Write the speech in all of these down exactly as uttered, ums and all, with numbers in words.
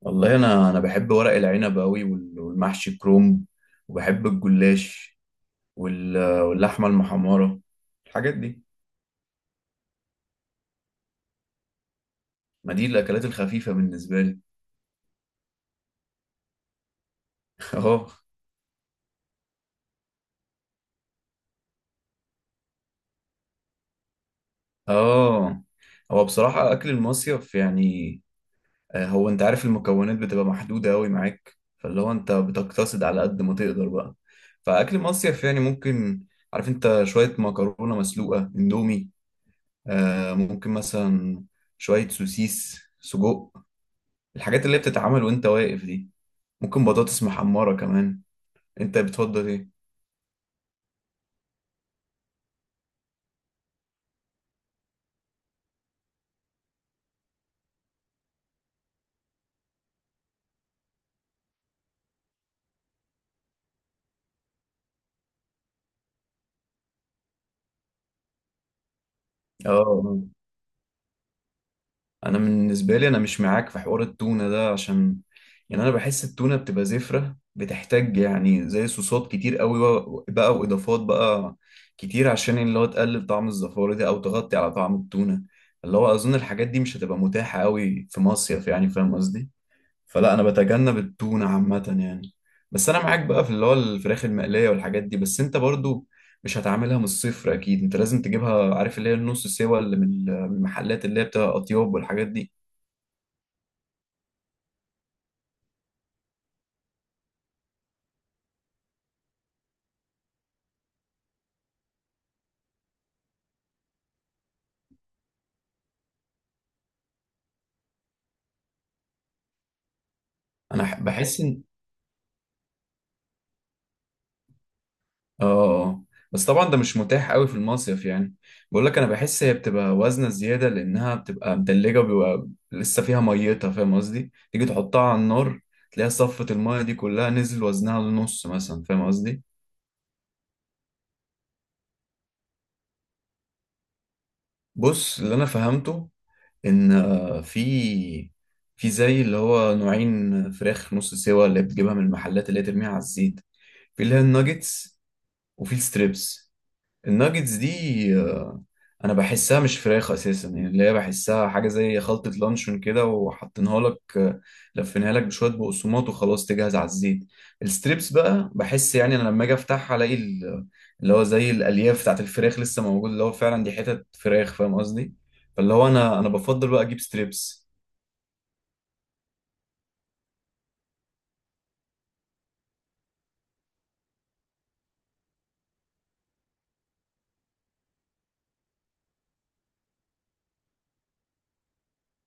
والله، انا انا بحب ورق العنب قوي والمحشي كرومب، وبحب الجلاش، وال- واللحمه المحمره، الحاجات دي. ما دي الاكلات الخفيفه بالنسبه لي. اه. اه. هو بصراحه اكل المصيف يعني، آه، هو انت عارف المكونات بتبقى محدوده قوي معاك، فاللي هو انت بتقتصد على قد ما تقدر بقى. فاكل مصيف يعني ممكن. عارف انت، شويه مكرونه مسلوقه، اندومي. آه ممكن مثلا شويه سوسيس، سجق، الحاجات اللي بتتعمل وانت واقف دي، ممكن بطاطس محمرة كمان. انت بتفضل ايه؟ اه. انا بالنسبة لي، انا مش معاك في حوار التونة ده، عشان يعني انا بحس التونة بتبقى زفرة، بتحتاج يعني زي صوصات كتير قوي، و- بقى واضافات بقى كتير، عشان اللي هو تقلل طعم الزفارة دي او تغطي على طعم التونة. اللي هو اظن الحاجات دي مش هتبقى متاحة قوي في مصيف، يعني فاهم قصدي. فلا، انا بتجنب التونه عامه يعني. بس انا معاك بقى في اللي هو الفراخ المقليه والحاجات دي، بس انت برضو مش هتعملها من الصفر، اكيد انت لازم تجيبها، عارف اللي هي النص سوا اللي من من المحلات اللي هي بتبقى اطياب والحاجات دي. انا ح- بحس ان. اه. آه. بس طبعا ده مش متاح قوي في المصيف يعني. بقول لك، انا بحس هي بتبقى وزنه زياده، لانها بتبقى متلجه وبيبقى لسه فيها ميتها، فاهم قصدي؟ تيجي تحطها على النار، تلاقيها صفت المايه دي كلها، نزل وزنها للنص مثلا، فاهم قصدي؟ بص، اللي انا فهمته ان، آه، في في زي اللي هو نوعين فراخ نص سوا اللي بتجيبها من المحلات، اللي هي ترميها على الزيت. في اللي هي الناجتس، وفي الستريبس. الناجتس دي، آه، انا بحسها مش فراخ اساسا، يعني اللي هي بحسها حاجه زي خلطه لانشون كده، وحاطينها لك، آه، لفينها لك بشويه بقسماط وخلاص تجهز على الزيت. الستريبس بقى بحس، يعني انا لما اجي افتحها، الاقي ال- اللي هو زي الالياف بتاعت الفراخ لسه موجود، اللي هو فعلا دي حتت فراخ، فاهم قصدي؟ فاللي هو انا انا بفضل بقى اجيب ستريبس.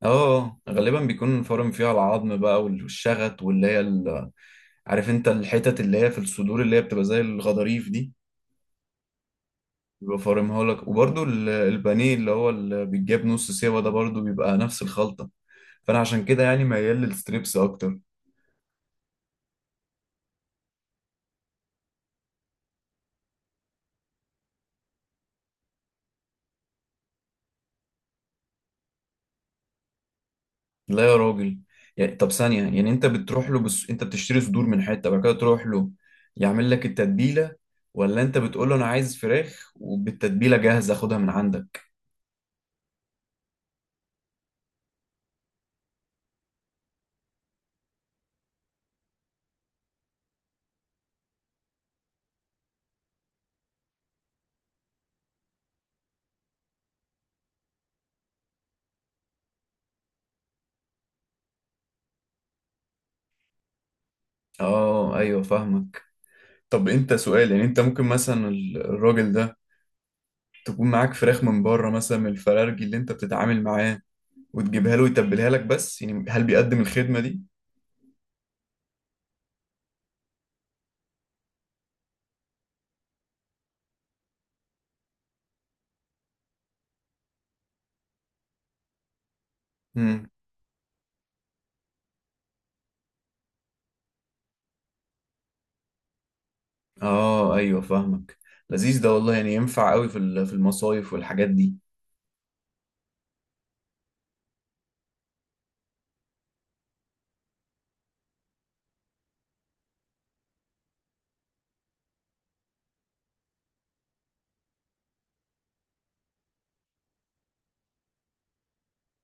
اه. آه، غالبا بيكون فرم فيها العظم بقى والشغط، واللي هي ال- عارف انت الحتت اللي هي في الصدور اللي هي بتبقى زي الغضاريف دي. بيبقى فارمها لك. وبرده البانيه اللي هو اللي بيتجاب نص سوا ده، برده بيبقى نفس الخلطة. فأنا عشان كده يعني ميال للستريبس أكتر. لا يا راجل. يعني طب ثانية، يعني أنت بتروح له بس أنت بتشتري صدور من حتة، بعد كده تروح له يعمل لك التتبيلة؟ ولا أنت بتقول له أنا عايز فراخ وبالتتبيلة جاهزة أخدها من عندك؟ أه، أيوه فاهمك. طب أنت سؤال، يعني أنت ممكن مثلا ال- الراجل ده تكون معاك فراخ من بره مثلا من الفرارجي اللي أنت بتتعامل معاه، وتجيبها له ويتبلها لك، بس يعني هل بيقدم الخدمة دي؟ امم. اه، ايوه فاهمك. لذيذ ده والله، يعني ينفع قوي في ال- في المصايف والحاجات دي.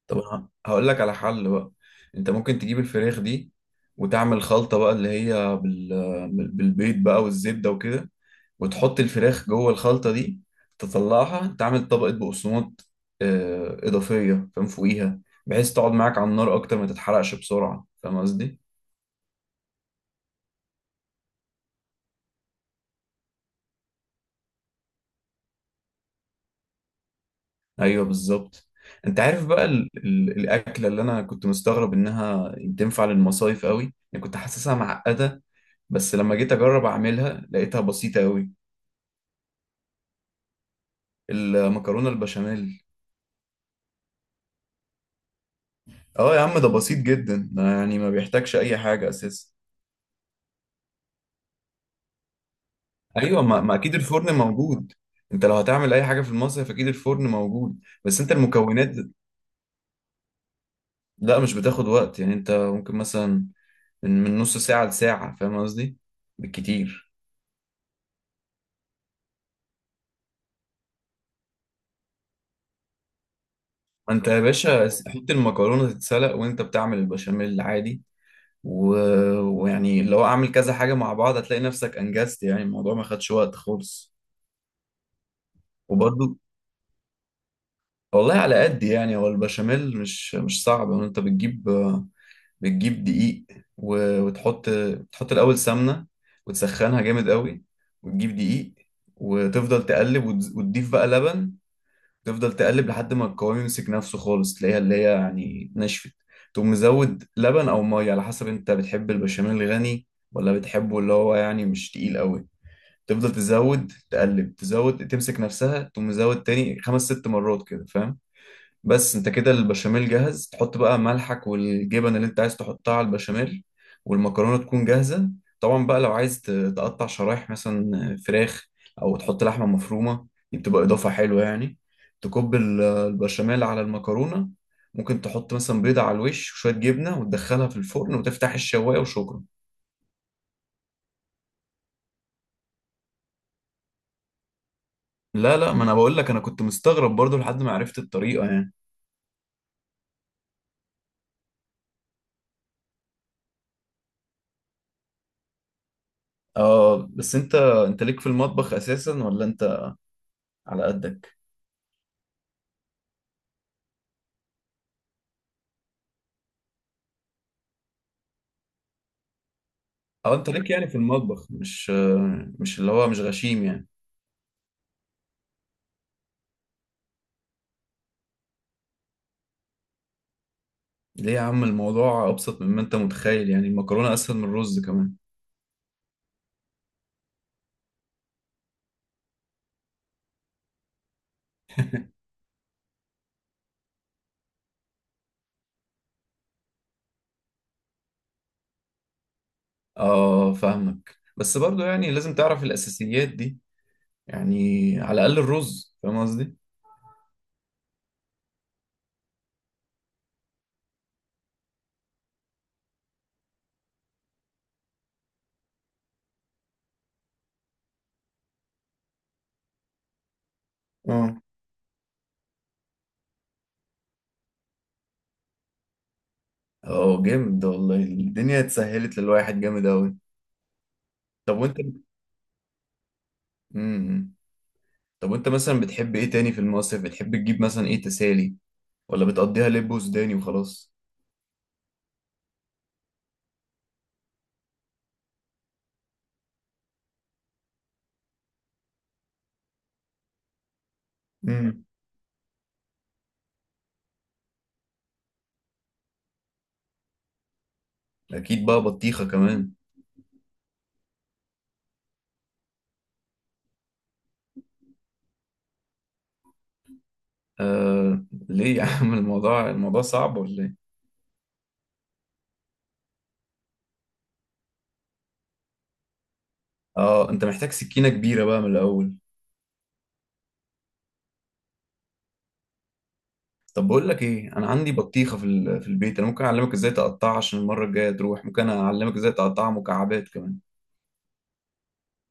طب انا هقول لك على حل بقى. انت ممكن تجيب الفراخ دي، وتعمل خلطة بقى اللي هي بال... بالبيض بقى والزبدة وكده، وتحط الفراخ جوه الخلطة دي، تطلعها تعمل طبقة بقسماط آه، إضافية، فاهم، فوقيها، بحيث تقعد معاك على النار أكتر ما تتحرقش بسرعة، فاهم قصدي؟ ايوه بالظبط. انت عارف بقى ال... ال... الاكله اللي انا كنت مستغرب انها تنفع للمصايف قوي، يعني كنت حاسسها معقده، بس لما جيت اجرب اعملها لقيتها بسيطه قوي. المكرونه البشاميل. اه يا عم، ده بسيط جدا ده، يعني ما بيحتاجش اي حاجه اساسا. ايوه، ما... ما اكيد الفرن موجود. انت لو هتعمل اي حاجه في المصيف، اكيد الفرن موجود. بس انت المكونات. لا، مش بتاخد وقت. يعني انت ممكن مثلا من من نص ساعه لساعه، فاهم قصدي، بالكتير. انت يا باشا، حط المكرونه تتسلق وانت بتعمل البشاميل عادي، و... ويعني لو اعمل كذا حاجه مع بعض هتلاقي نفسك انجزت، يعني الموضوع ما خدش وقت خالص. وبرضو والله على قد، يعني هو البشاميل مش مش صعب، يعني انت بتجيب بتجيب دقيق. و... وتحط تحط الاول سمنه، وتسخنها جامد قوي، وتجيب دقيق، وتفضل تقلب، وتز- وتضيف بقى لبن. تفضل تقلب لحد ما القوام يمسك نفسه خالص، تلاقيها اللي هي يعني اتنشفت. تقوم مزود لبن او ميه، على حسب انت بتحب البشاميل الغني، ولا بتحبه اللي هو يعني مش تقيل قوي. تفضل تزود تقلب، تزود تمسك نفسها، تقوم مزود تاني خمس ست مرات كده، فاهم. بس انت كده البشاميل جاهز، تحط بقى ملحك والجبن اللي انت عايز تحطها على البشاميل، والمكرونة تكون جاهزة. طبعا بقى لو عايز ت- تقطع شرايح مثلا فراخ، او تحط لحمة مفرومة، دي بتبقى اضافة حلوة يعني. تكب ال- البشاميل على المكرونة، ممكن تحط مثلا بيضة على الوش، وشوية جبنة، وتدخلها في الفرن وتفتح الشواية، وشكرا. لا لا، ما انا بقول لك، انا كنت مستغرب برضو لحد ما عرفت الطريقة يعني. اه، بس انت انت ليك في المطبخ اساسا، ولا انت على قدك؟ اه، انت ليك يعني في المطبخ، مش مش اللي هو مش غشيم يعني. ليه يا عم؟ الموضوع ابسط مما انت متخيل، يعني المكرونه اسهل من الرز كمان. اه فاهمك، بس برضو يعني لازم تعرف الاساسيات دي، يعني على الاقل الرز، فاهم قصدي. اه، اه، جامد ده والله، الدنيا اتسهلت للواحد جامد اوي. طب وانت. امم طب وانت مثلا بتحب ايه تاني في المصيف؟ بتحب تجيب مثلا ايه تسالي، ولا بتقضيها لب وسوداني وخلاص؟ امم. اكيد بقى بطيخه كمان. آه، ليه يا عم؟ الموضوع الموضوع صعب ولا ايه؟ اه، انت محتاج سكينة كبيرة بقى من الأول. طب بقول لك ايه، انا عندي بطيخة في ال- في البيت، انا ممكن اعلمك ازاي تقطعها، عشان المرة الجاية تروح ممكن اعلمك ازاي تقطعها مكعبات كمان.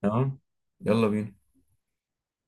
تمام، يلا بينا.